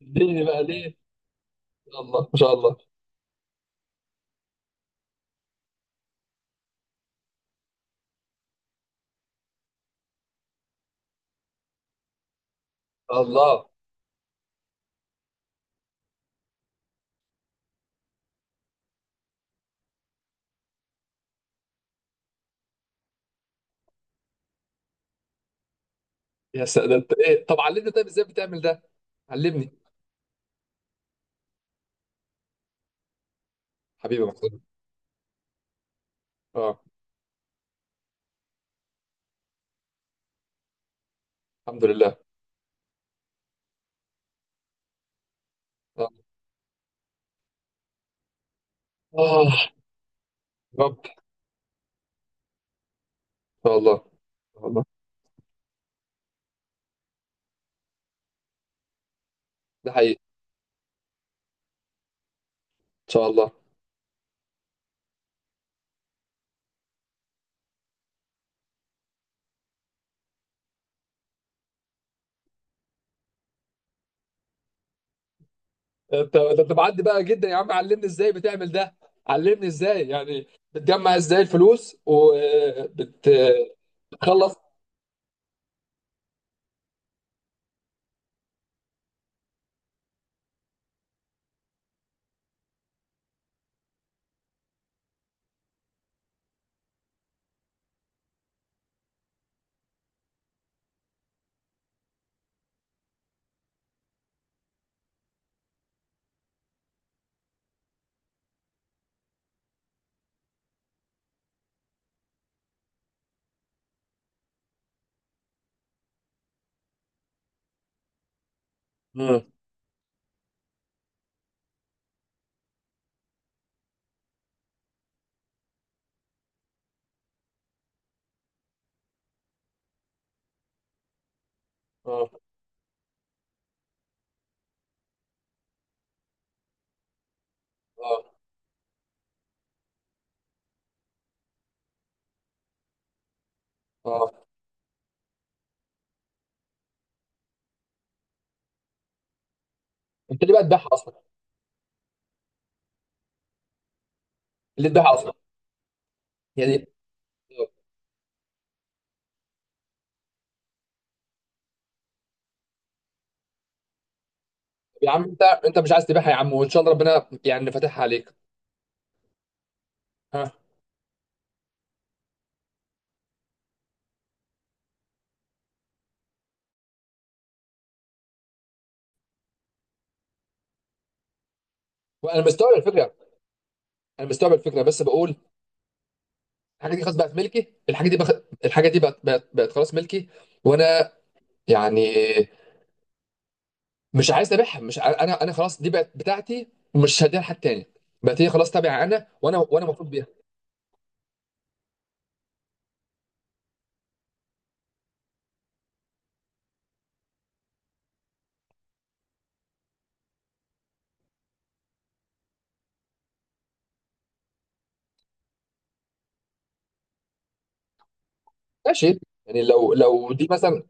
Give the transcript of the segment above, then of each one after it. ليه بقى ليه. الله ما شاء الله. الله. يا سلام، ده انت ايه؟ طب علمني، طيب ازاي بتعمل ده؟ علمني. حبيبي يا محمود. اه. الحمد لله. اه. آه. يا رب ان شاء الله. ان شاء الله. ده حقيقي. ان شاء الله. انت ده انت معدي بقى جدا يا عم، علمني ازاي بتعمل ده. علمني ازاي يعني. بتجمع ازاي الفلوس وبتخلص؟ امم. اه. اه. اه. انت ليه بقى تبيعها اصلا؟ ليه تبيعها اصلا؟ يعني. يا عم انت مش عايز تبيعها يا عم، وان شاء الله ربنا يعني فاتحها عليك. ها. وانا مستوعب الفكره، انا مستوعب الفكره، بس بقول: الحاجه دي خلاص بقت ملكي، الحاجه دي الحاجه دي بقت خلاص ملكي. وانا يعني مش عايز ابيعها، مش انا خلاص دي بقت بتاعتي. ومش هديها لحد تاني. بقت هي خلاص تابعه انا، وانا وانا مبسوط بيها. ماشي. يعني لو دي مثلا.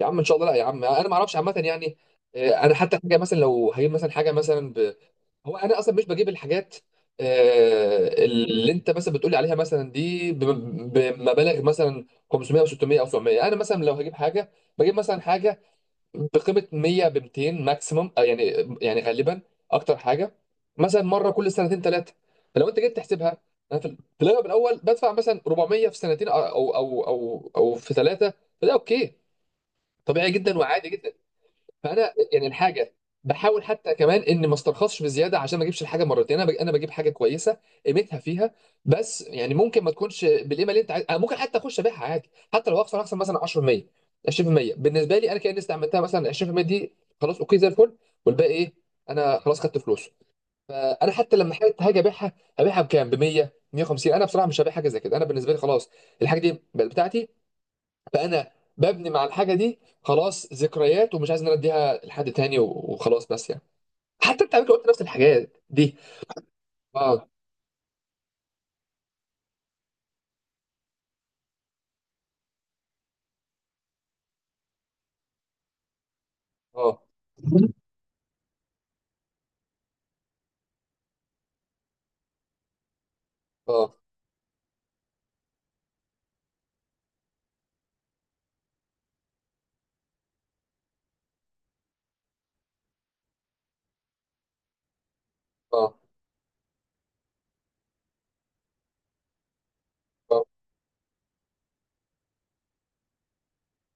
يا عم ان شاء الله، لا يا عم، انا ما اعرفش عامه يعني. انا حتى حاجه مثلا لو هجيب مثلا حاجه مثلا، هو انا اصلا مش بجيب الحاجات. اللي انت مثلا بتقولي عليها مثلا دي بمبالغ مثلا 500 او 600 او 700. انا مثلا لو هجيب حاجه بجيب مثلا حاجه بقيمه 100 ب 200 ماكسيمم، يعني. يعني غالبا اكتر حاجه مثلا مره كل سنتين ثلاثه. فلو انت جيت تحسبها، انا في الاغلب الاول بدفع مثلا 400 في سنتين أو في ثلاثه. فده اوكي، طبيعي جدا وعادي جدا. فانا يعني الحاجه بحاول حتى كمان اني ما استرخصش بزياده عشان ما اجيبش الحاجه مرتين، انا انا بجيب حاجه كويسه قيمتها فيها. بس يعني ممكن ما تكونش بالقيمه اللي انت عايز. أنا ممكن حتى اخش ابيعها عادي، حتى لو اخسر مثلا 10% 20%. بالنسبه لي انا كاني استعملتها مثلا 20% دي، خلاص اوكي زي الفل. والباقي ايه؟ انا خلاص خدت فلوسه. فانا حتى لما حاجه هاجي ابيعها، هبيعها بكام؟ ب 100، 150؟ انا بصراحه مش هبيع حاجه زي كده، انا بالنسبه لي خلاص الحاجه دي بقت بتاعتي. فانا ببني مع الحاجه دي خلاص ذكريات، ومش عايز ان انا اديها لحد تاني وخلاص، بس يعني. حتى انت على فكره قلت نفس الحاجات دي. اه. اه. اه. اه. اه.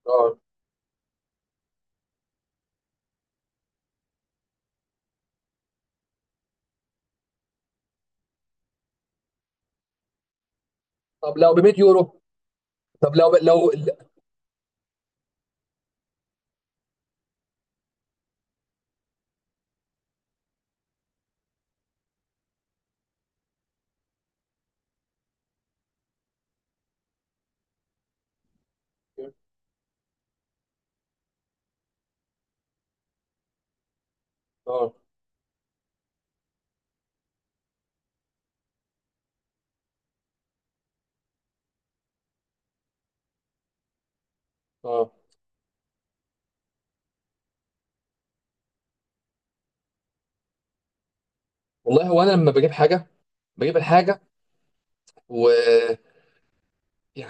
اه. طب لو ب 100 يورو؟ طب لو لو. اه. اه. والله، هو انا لما بجيب حاجه، بجيب الحاجه، ويعني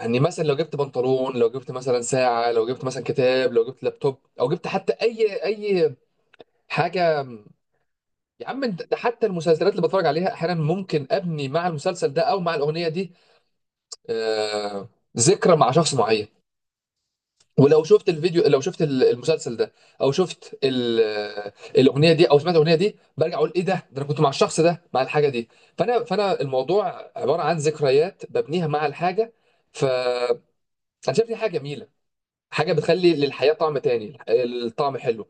مثلا لو جبت بنطلون، لو جبت مثلا ساعه، لو جبت مثلا كتاب، لو جبت لابتوب، او جبت حتى اي حاجه. يا عم انت ده، حتى المسلسلات اللي بتفرج عليها احيانا ممكن ابني مع المسلسل ده او مع الاغنيه دي. آه، ذكرى مع شخص معين. ولو شفت الفيديو، لو شفت المسلسل ده، او شفت الاغنيه دي، او سمعت الاغنيه دي، برجع اقول ايه ده، انا كنت مع الشخص ده مع الحاجه دي. فانا الموضوع عباره عن ذكريات ببنيها مع الحاجه. فانا شايف دي حاجه جميله، حاجه بتخلي للحياه طعم تاني، الطعم حلو.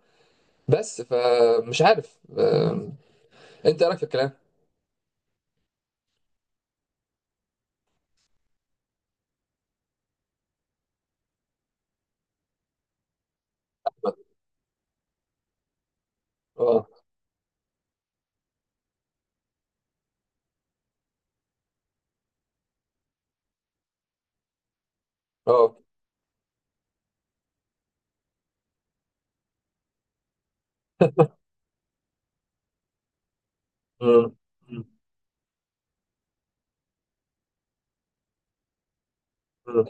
بس فمش عارف، انت ايه رايك في الكلام؟ اه. اه. مم. مم. مم.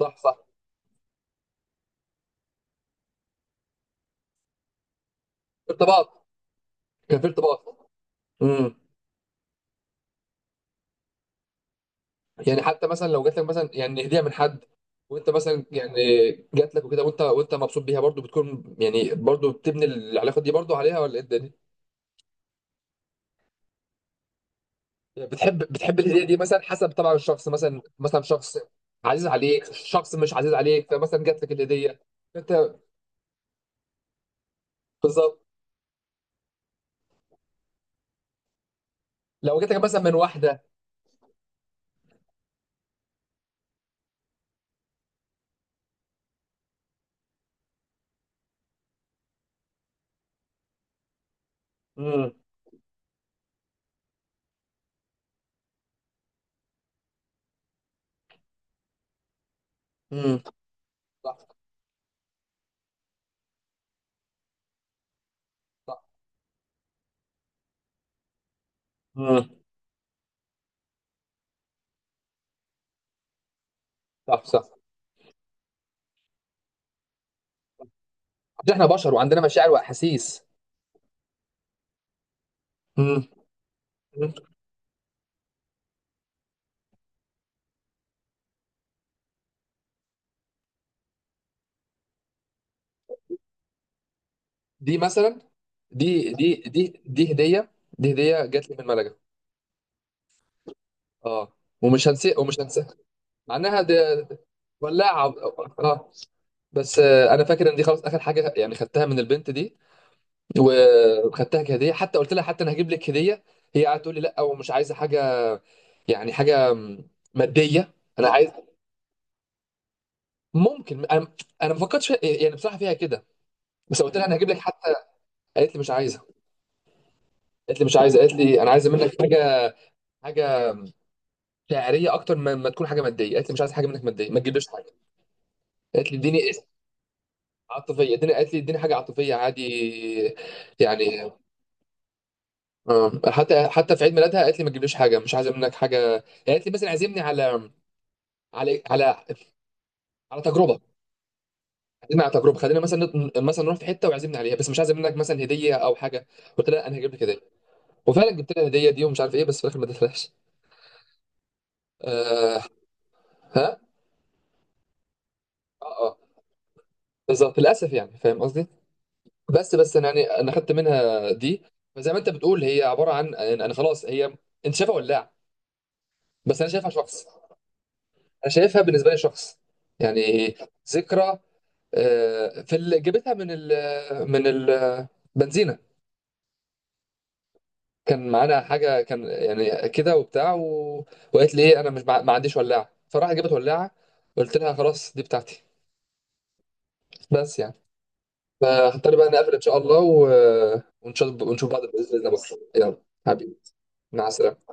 صح صح. في ارتباط. كان في ارتباط. مم. يعني حتى مثلا لو جات لك مثلا يعني هديه من حد، وانت مثلا يعني جات لك وكده، وانت مبسوط بيها برضو، بتكون يعني برضو بتبني العلاقه دي برضو عليها، ولا ايه الدنيا؟ يعني بتحب الهديه دي مثلا، حسب طبعا الشخص، مثلا شخص عزيز عليك، شخص مش عزيز عليك، فمثلا جات لك الهديه. انت بالظبط. لو جات لك مثلا من واحده. امم. امم. صح صح. امم. صح صح. احنا بشر وعندنا مشاعر واحاسيس. دي مثلا، دي هديه، دي هديه جات لي من ملجا. اه. ومش هنسى ومش هنسى. مع انها ولاعه. اه. بس انا فاكر ان دي خلاص اخر حاجه يعني خدتها من البنت دي. وخدتها كهديه، حتى قلت لها حتى انا هجيب لك هديه، هي قاعده تقول لي لا، ومش عايزه حاجه، يعني حاجه ماديه. انا عايز، ممكن انا، انا ما فكرتش فيها، يعني بصراحه فيها كده. بس قلت لها انا هجيب لك حتى. قالت لي مش عايزه. قالت لي مش عايزه، قالت لي انا عايزه منك حاجه، حاجه شعريه اكتر ما تكون حاجه ماديه. قالت لي مش عايز حاجه منك ماديه، ما تجيبليش حاجه. قالت لي اديني اسم. عاطفيه. اديني، قالت لي اديني حاجه عاطفيه عادي يعني. آه. حتى في عيد ميلادها قالت لي ما تجيبليش حاجه، مش عايزه منك حاجه. قالت لي مثلا عزمني على على على على تجربه. عزمني على تجربه، خلينا مثلا مثلا نروح في حته وعزمني عليها، بس مش عايزه منك مثلا هديه او حاجه. قلت لها انا هجيب لك هديه، وفعلا جبت لها الهديه دي ومش عارف ايه، بس في الاخر ما اديتهاش. آه. ها. اه. اه. بالظبط للاسف يعني، فاهم قصدي؟ بس انا يعني انا خدت منها دي. فزي ما انت بتقول هي عباره عن يعني، انا خلاص هي، انت شايفها ولاعه، بس انا شايفها شخص. انا شايفها بالنسبه لي شخص يعني، ذكرى. في اللي جابتها من ال من البنزينه، كان معانا حاجه كان يعني كده وبتاع وقالت لي ايه انا مش ما عنديش ولاعه، فراحت جابت ولاعه. قلت لها خلاص دي بتاعتي بس يعني. فهضطر بقى نقفل ان شاء الله ونشوف بعض باذن الله بكره، يلا. حبيبي. مع السلامه.